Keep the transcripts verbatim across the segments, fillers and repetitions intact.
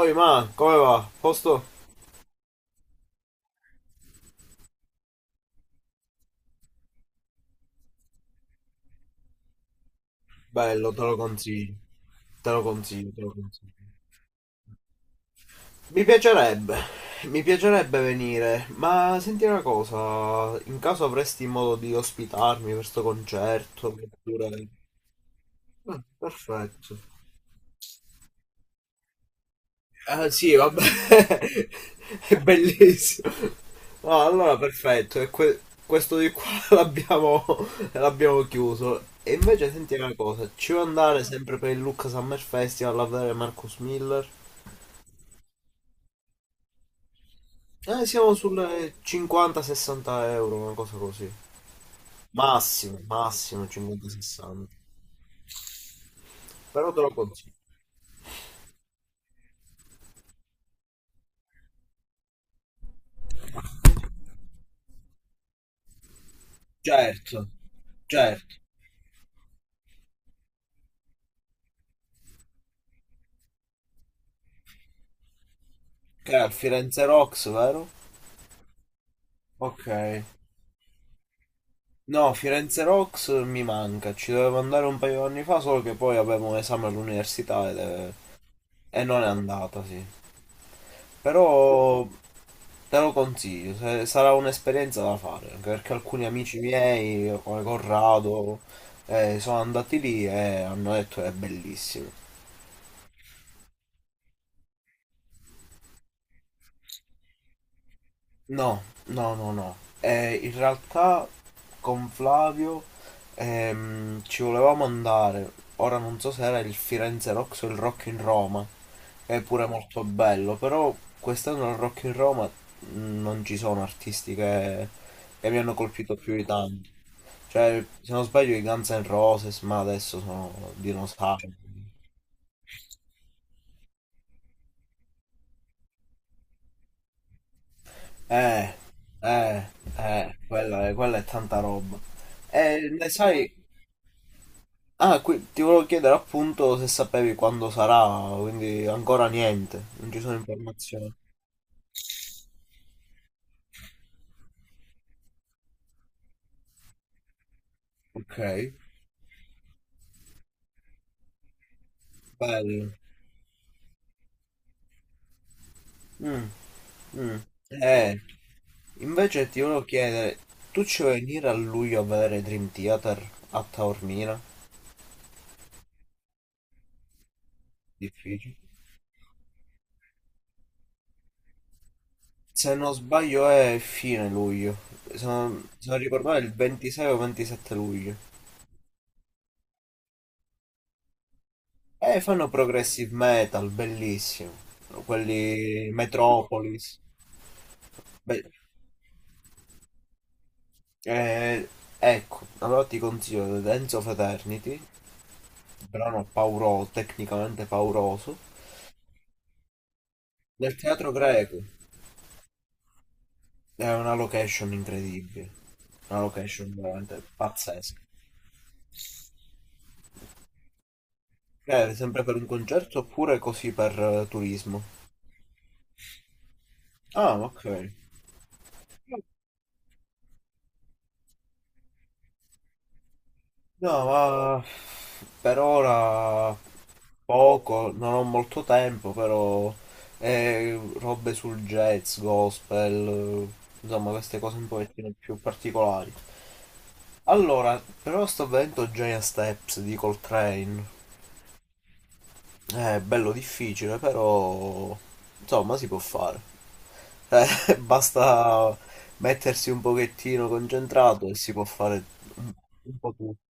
Oi, ma come va? Posto? Bello, te lo consiglio. Te lo consiglio, te lo consiglio. Mi piacerebbe, mi piacerebbe venire, ma senti una cosa, in caso avresti modo di ospitarmi per sto concerto, oppure... Ah, perfetto. Ah, sì, vabbè, è bellissimo. No, allora perfetto, e que- questo di qua l'abbiamo l'abbiamo chiuso. E invece senti una cosa, ci vuoi andare sempre per il Lucca Summer Festival a vedere Marcus Miller? Eh, siamo sulle cinquanta-sessanta euro, una cosa così. Massimo, massimo dai cinquanta ai sessanta. Però te lo consiglio. Certo, certo. Che è al Firenze Rocks, vero? Ok. No, Firenze Rocks mi manca, ci dovevo andare un paio d'anni fa, solo che poi avevo un esame all'università ed è- e non è andata, sì. Però te lo consiglio, se- sarà un'esperienza da fare, anche perché alcuni amici miei, come Corrado, eh, sono andati lì e hanno detto che è bellissimo. No, no, no, no. Eh, in realtà con Flavio ehm, ci volevamo andare. Ora non so se era il Firenze Rocks o il Rock in Roma, che è pure molto bello, però quest'anno al Rock in Roma mh, non ci sono artisti che, che mi hanno colpito più di tanto. Cioè, se non sbaglio i Guns N' Roses, ma adesso sono dinosauri. Eh, eh, eh, quella è, quella è tanta roba. E ne sai... Ah, qui ti volevo chiedere appunto se sapevi quando sarà, quindi ancora niente, non ci sono informazioni. Ok, bello. Mm, mm. Eh, invece ti volevo chiedere, tu ci vuoi venire a luglio a vedere Dream Theater a Taormina? Difficile. Se non sbaglio è fine luglio, se non, se non ricordo male il ventisei o ventisette luglio. Eh, fanno progressive metal, bellissimo. Quelli Metropolis. Beh, Eh, ecco, allora ti consiglio The Dance of Eternity, brano pauroso, tecnicamente pauroso, nel teatro greco. È una location incredibile, una location veramente pazzesca. Eh, sempre per un concerto oppure così per eh, turismo? Ah, ok. No, ma per ora poco, non ho molto tempo, però eh, robe sul jazz, gospel, eh, insomma queste cose un pochettino più particolari. Allora, però sto vedendo Giant Steps di Coltrane. È bello difficile, però insomma si può fare. Eh, basta mettersi un pochettino concentrato e si può fare un un po' tutto.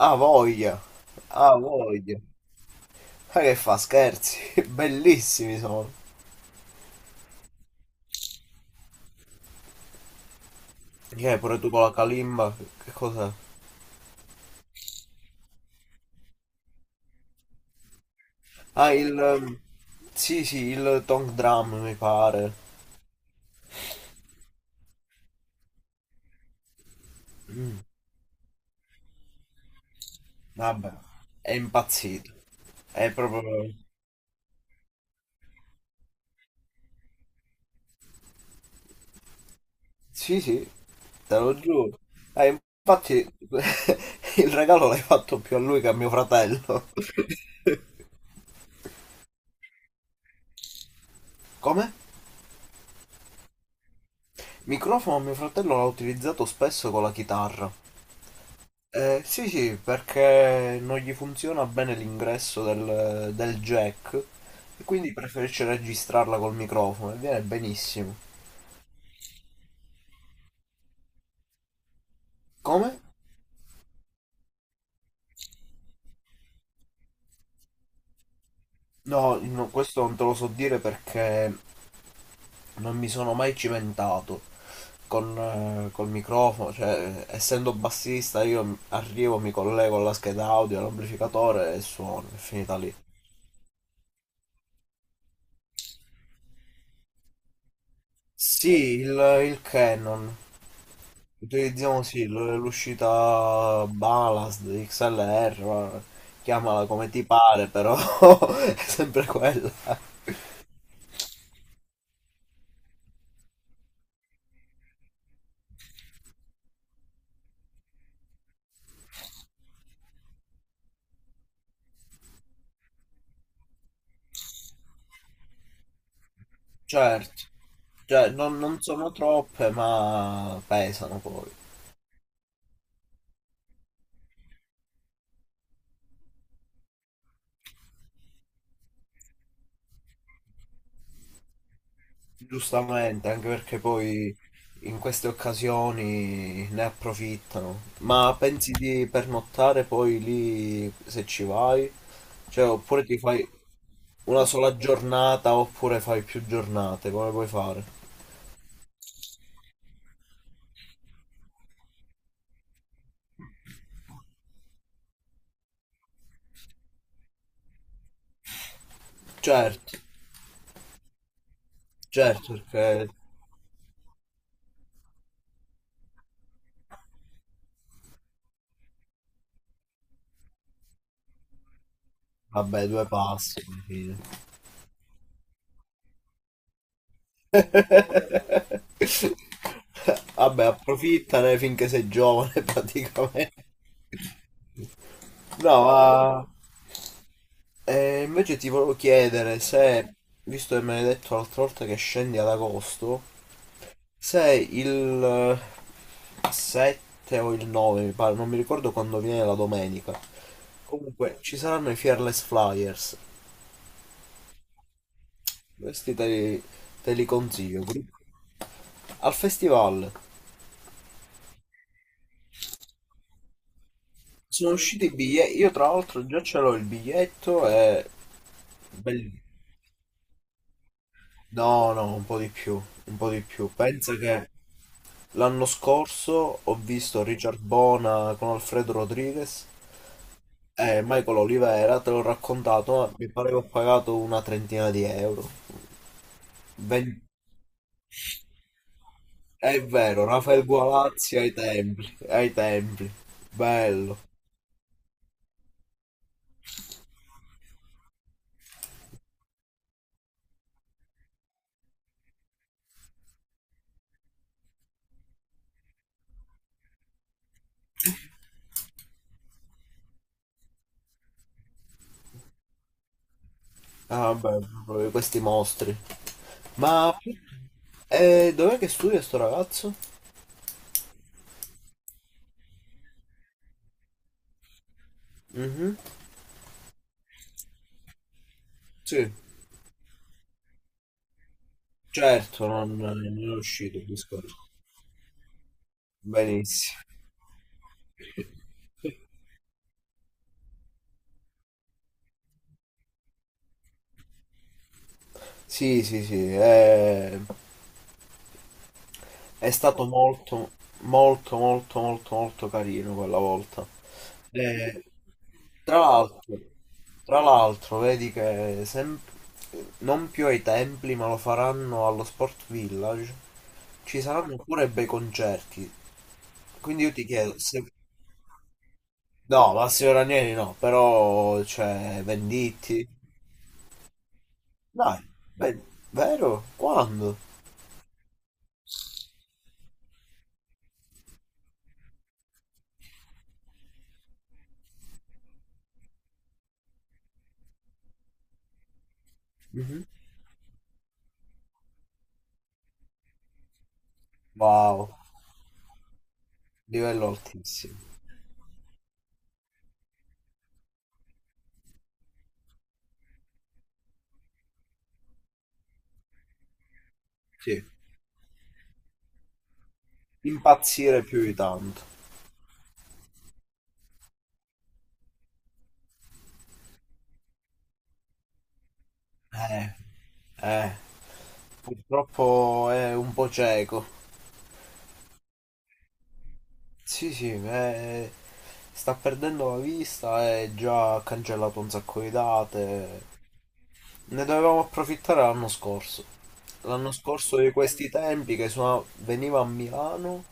Ah, voglia! Ah, voglia! Ma che fa scherzi? Bellissimi sono. Che è pure tu con la kalimba? Che cos'è? Ah, il... ehm, Sì, sì, il Tong Drum mi pare. Vabbè. È impazzito. È proprio... Sì, sì, te lo giuro. Eh, infatti il regalo l'hai fatto più a lui che a mio fratello. Come? Microfono mio fratello l'ha utilizzato spesso con la chitarra. Eh, sì, sì, perché non gli funziona bene l'ingresso del, del jack e quindi preferisce registrarla col microfono e viene benissimo. Come? No, no, questo non te lo so dire perché non mi sono mai cimentato con, eh, col microfono, cioè essendo bassista io arrivo, mi collego alla scheda audio, all'amplificatore e suono, è finita lì. Sì, il, il Canon. Utilizziamo sì l- l'uscita Ballast, X L R, va- chiamala come ti pare, però è sempre quella. Certo, cioè, non, non sono troppe, ma pesano poi. Giustamente, anche perché poi in queste occasioni ne approfittano. Ma pensi di pernottare poi lì se ci vai? Cioè, oppure ti fai una sola giornata, oppure fai più giornate, come puoi fare? Certo, certo, perché vabbè, due passi alla fine. Vabbè, approfittane finché sei giovane praticamente. No, ma eh, invece ti volevo chiedere se, visto che me l'hai detto l'altra volta che scendi ad agosto, se il sette o il nove, mi pare, non mi ricordo quando viene la domenica. Comunque, ci saranno i Fearless Flyers. Questi te li, te li consiglio. Al festival. Sono usciti i biglietti, io tra l'altro già ce l'ho il biglietto e... Bellissimo. No, no, un po' di più, un po' di più. Pensa che l'anno scorso ho visto Richard Bona con Alfredo Rodriguez e Michael Olivera, te l'ho raccontato, ma mi pare che ho pagato una trentina di euro. Ven- È vero, Rafael Gualazzi ai templi, ai templi. Bello. Ah, vabbè, proprio questi mostri. Ma eh, dov'è che studia sto ragazzo? Mhm, sì. Certo, non, non è uscito il discorso. Benissimo. Sì, sì, sì, è, è stato molto, molto, molto, molto, molto carino quella volta. E, tra l'altro, tra l'altro, vedi che sem- non più ai templi, ma lo faranno allo Sport Village. Ci saranno pure bei concerti. Quindi io ti chiedo se... No, Massimo Ranieri no, però c'è Venditti. Dai, beh, vero? Quando? Mhm. Wow, livello altissimo. Sì, impazzire più di tanto. Eh, eh, purtroppo è un po' cieco. Sì, sì, eh, sta perdendo la vista e già ha cancellato un sacco di date. Ne dovevamo approfittare l'anno scorso. L'anno scorso di questi tempi che suona- veniva a Milano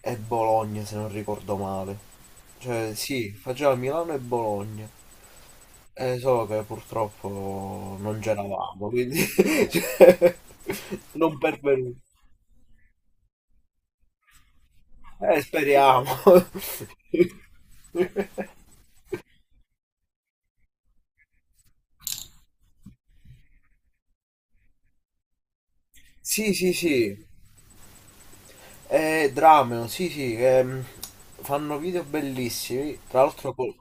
e Bologna, se non ricordo male. Cioè, sì, faceva Milano e Bologna. Eh, solo che purtroppo non c'eravamo, quindi cioè, non pervenuti. Eh, speriamo. Sì, sì, sì. Eh, Drameo, sì, sì, che, mm, fanno video bellissimi. Tra l'altro, col...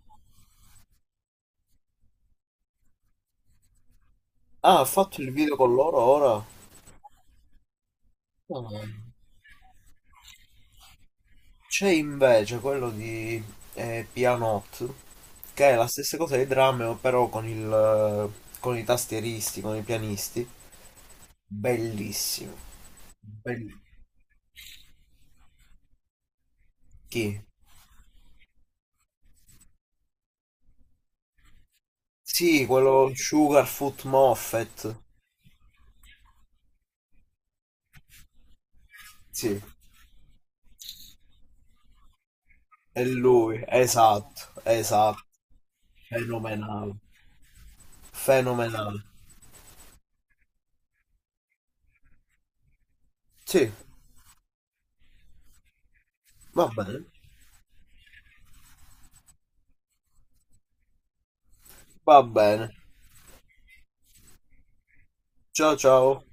ah, ha fatto il video con loro ora. Ah. C'è invece quello di eh, Pianot, che è la stessa cosa di Drameo, però con il, eh, con i tastieristi, con i pianisti. Bellissimo. Ben- Chi? Sì, quello Sugarfoot Moffat. Sì, è lui, esatto, esatto, fenomenale, fenomenale. Sì, va bene, va bene. Ciao ciao.